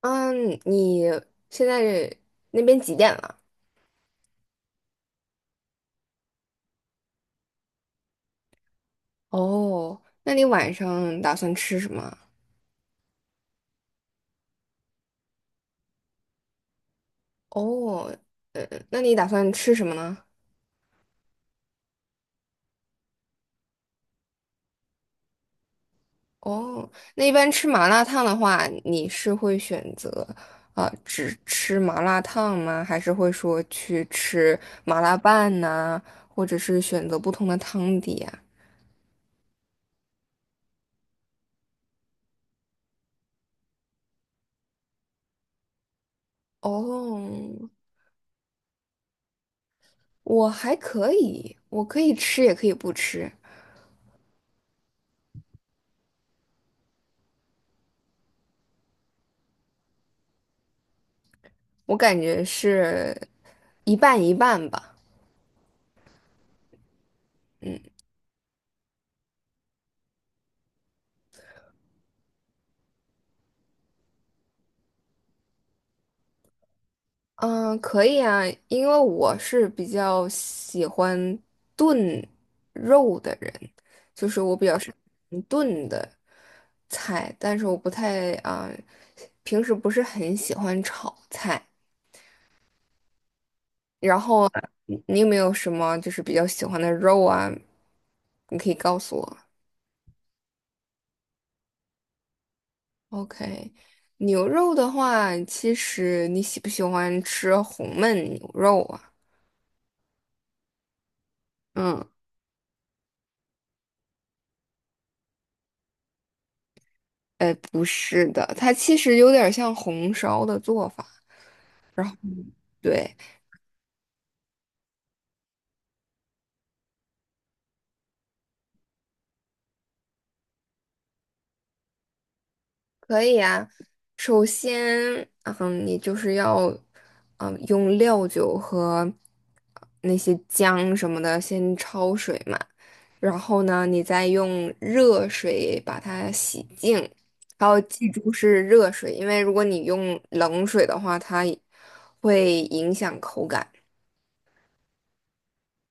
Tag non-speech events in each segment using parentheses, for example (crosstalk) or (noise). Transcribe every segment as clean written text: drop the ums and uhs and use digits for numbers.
嗯，你现在那边几点了？哦，那你晚上打算吃什么啊。哦，那你打算吃什么呢？哦，那一般吃麻辣烫的话，你是会选择只吃麻辣烫吗？还是会说去吃麻辣拌呐、或者是选择不同的汤底啊？哦，我还可以，我可以吃也可以不吃，我感觉是一半一半吧。嗯，可以啊，因为我是比较喜欢炖肉的人，就是我比较是炖的菜，但是我不太啊，平时不是很喜欢炒菜。然后啊你有没有什么就是比较喜欢的肉啊？你可以告诉我。OK，牛肉的话，其实你喜不喜欢吃红焖牛肉啊？嗯。哎，不是的，它其实有点像红烧的做法。然后，对，可以啊。首先，你就是要，用料酒和那些姜什么的先焯水嘛。然后呢，你再用热水把它洗净，还要记住是热水，因为如果你用冷水的话，它会影响口感。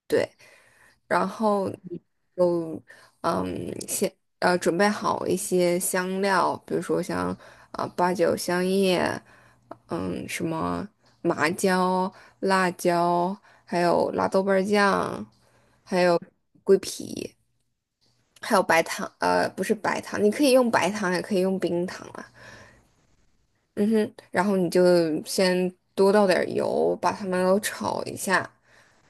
对。然后你就嗯先准备好一些香料，比如说像八角、香叶，什么麻椒、辣椒，还有辣豆瓣儿酱，还有还有白糖，不是白糖，你可以用白糖也可以用冰糖啊。嗯哼，然后你就先多倒点儿油，把它们都炒一下。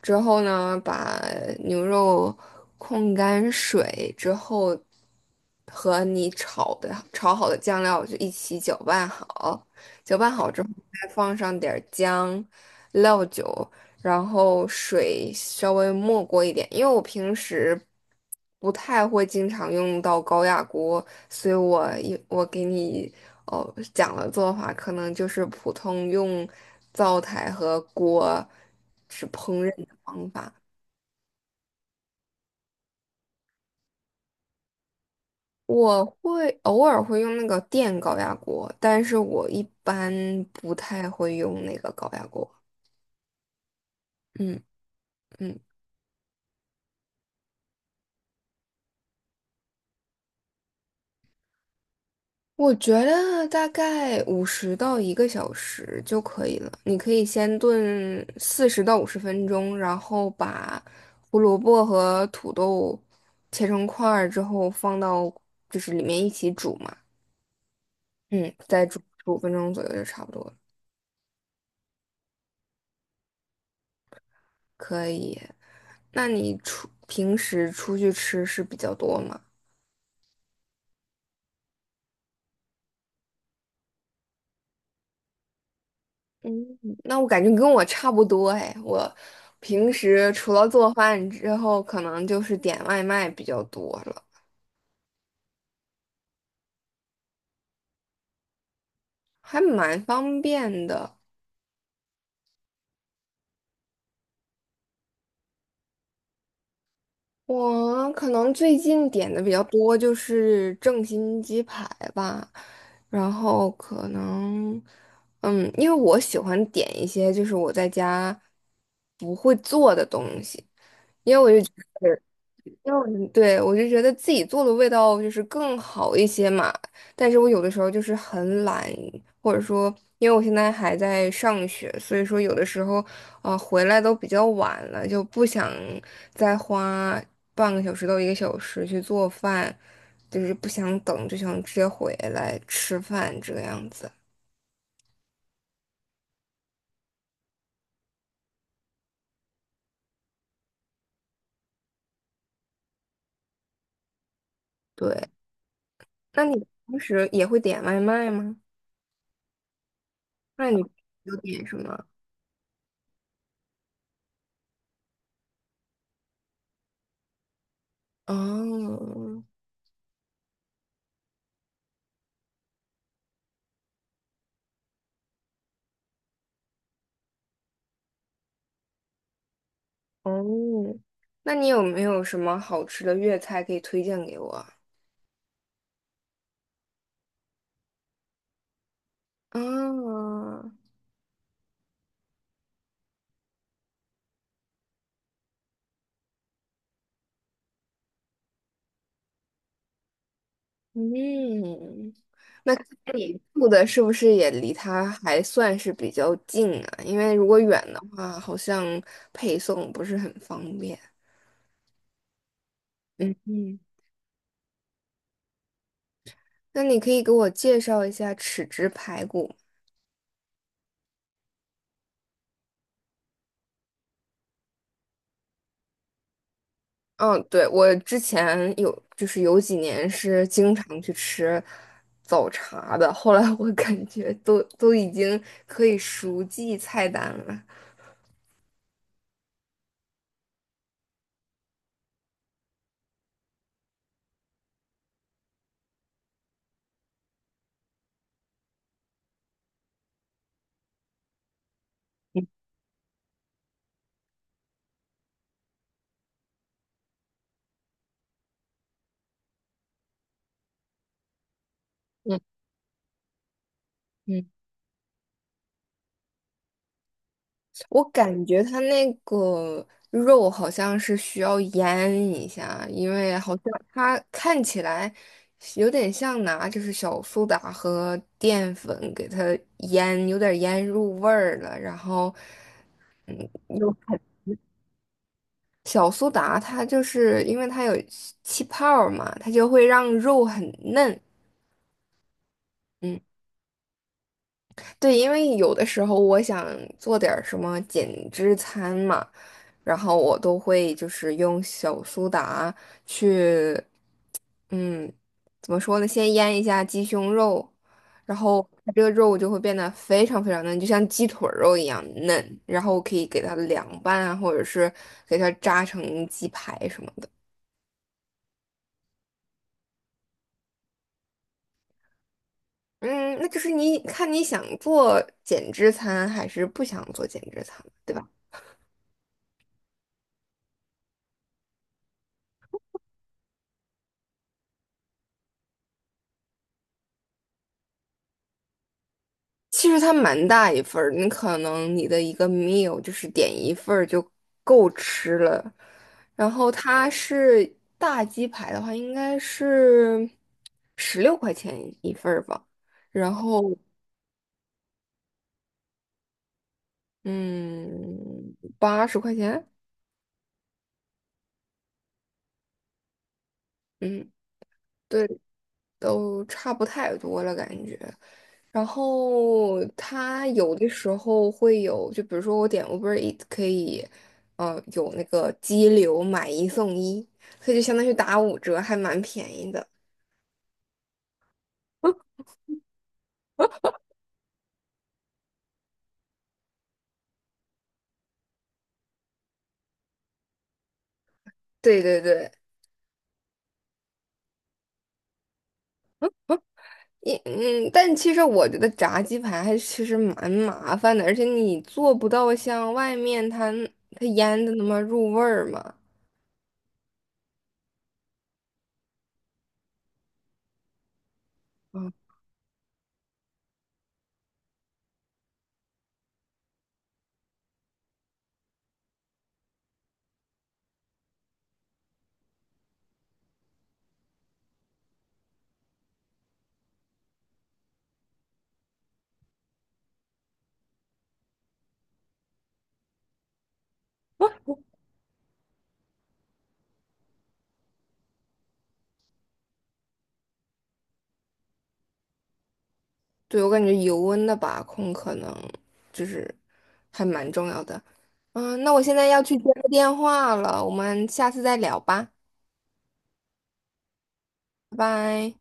之后呢，把牛肉控干水之后，和你炒好的酱料就一起搅拌好。搅拌好之后，再放上点儿姜、料酒，然后水稍微没过一点，因为我平时不太会经常用到高压锅，所以我给你哦讲的做法，可能就是普通用灶台和锅是烹饪的方法。我偶尔会用那个电高压锅，但是我一般不太会用那个高压锅。嗯嗯。我觉得大概五十到一个小时就可以了。你可以先炖40到50分钟，然后把胡萝卜和土豆切成块儿之后放到就是里面一起煮嘛，嗯，再煮15分钟左右就差不多了。可以。那你平时出去吃是比较多吗？嗯，那我感觉跟我差不多哎，我平时除了做饭之后，可能就是点外卖比较多了。还蛮方便的。我可能最近点的比较多就是正新鸡排吧，然后可能，因为我喜欢点一些就是我在家不会做的东西。因为我就对，我就觉得自己做的味道就是更好一些嘛，但是我有的时候就是很懒，或者说因为我现在还在上学，所以说有的时候回来都比较晚了，就不想再花半个小时到一个小时去做饭，就是不想等，就想直接回来吃饭这个样子。对，那你平时也会点外卖吗？那你有点什么？哦。哦，那你有没有什么好吃的粤菜可以推荐给我啊？啊嗯，那看来你住的是不是也离它还算是比较近啊？因为如果远的话，好像配送不是很方便。嗯嗯，那你可以给我介绍一下豉汁排骨。嗯，对，我之前有，就是有几年是经常去吃早茶的，后来我 (laughs) 感觉都已经可以熟记菜单了。嗯嗯，我感觉它那个肉好像是需要腌一下，因为好像它看起来有点像拿就是小苏打和淀粉给它腌，有点腌入味儿了，然后。又小苏打它就是因为它有气泡儿嘛，它就会让肉很嫩。嗯，对，因为有的时候我想做点儿什么减脂餐嘛，然后我都会就是用小苏打去，嗯，怎么说呢？先腌一下鸡胸肉，然后它这个肉就会变得非常非常嫩，就像鸡腿儿肉一样嫩，然后可以给它凉拌啊，或者是给它炸成鸡排什么的。嗯，那就是你看你想做减脂餐还是不想做减脂餐，对吧？其实它蛮大一份儿，可能你的一个 meal 就是点一份儿就够吃了。然后它是大鸡排的话，应该是16块钱一份儿吧。然后嗯，80块钱，嗯，对，都差不太多了感觉。然后它有的时候会有，就比如说我点 Uber Eat 可以，有那个激流买一送一，所以就相当于打5折，还蛮便宜的。对对对，但其实我觉得炸鸡排还其实蛮麻烦的，而且你做不到像外面它腌的那么入味儿嘛。对，我感觉油温的把控可能就是还蛮重要的。嗯，那我现在要去接个电话了，我们下次再聊吧，拜拜。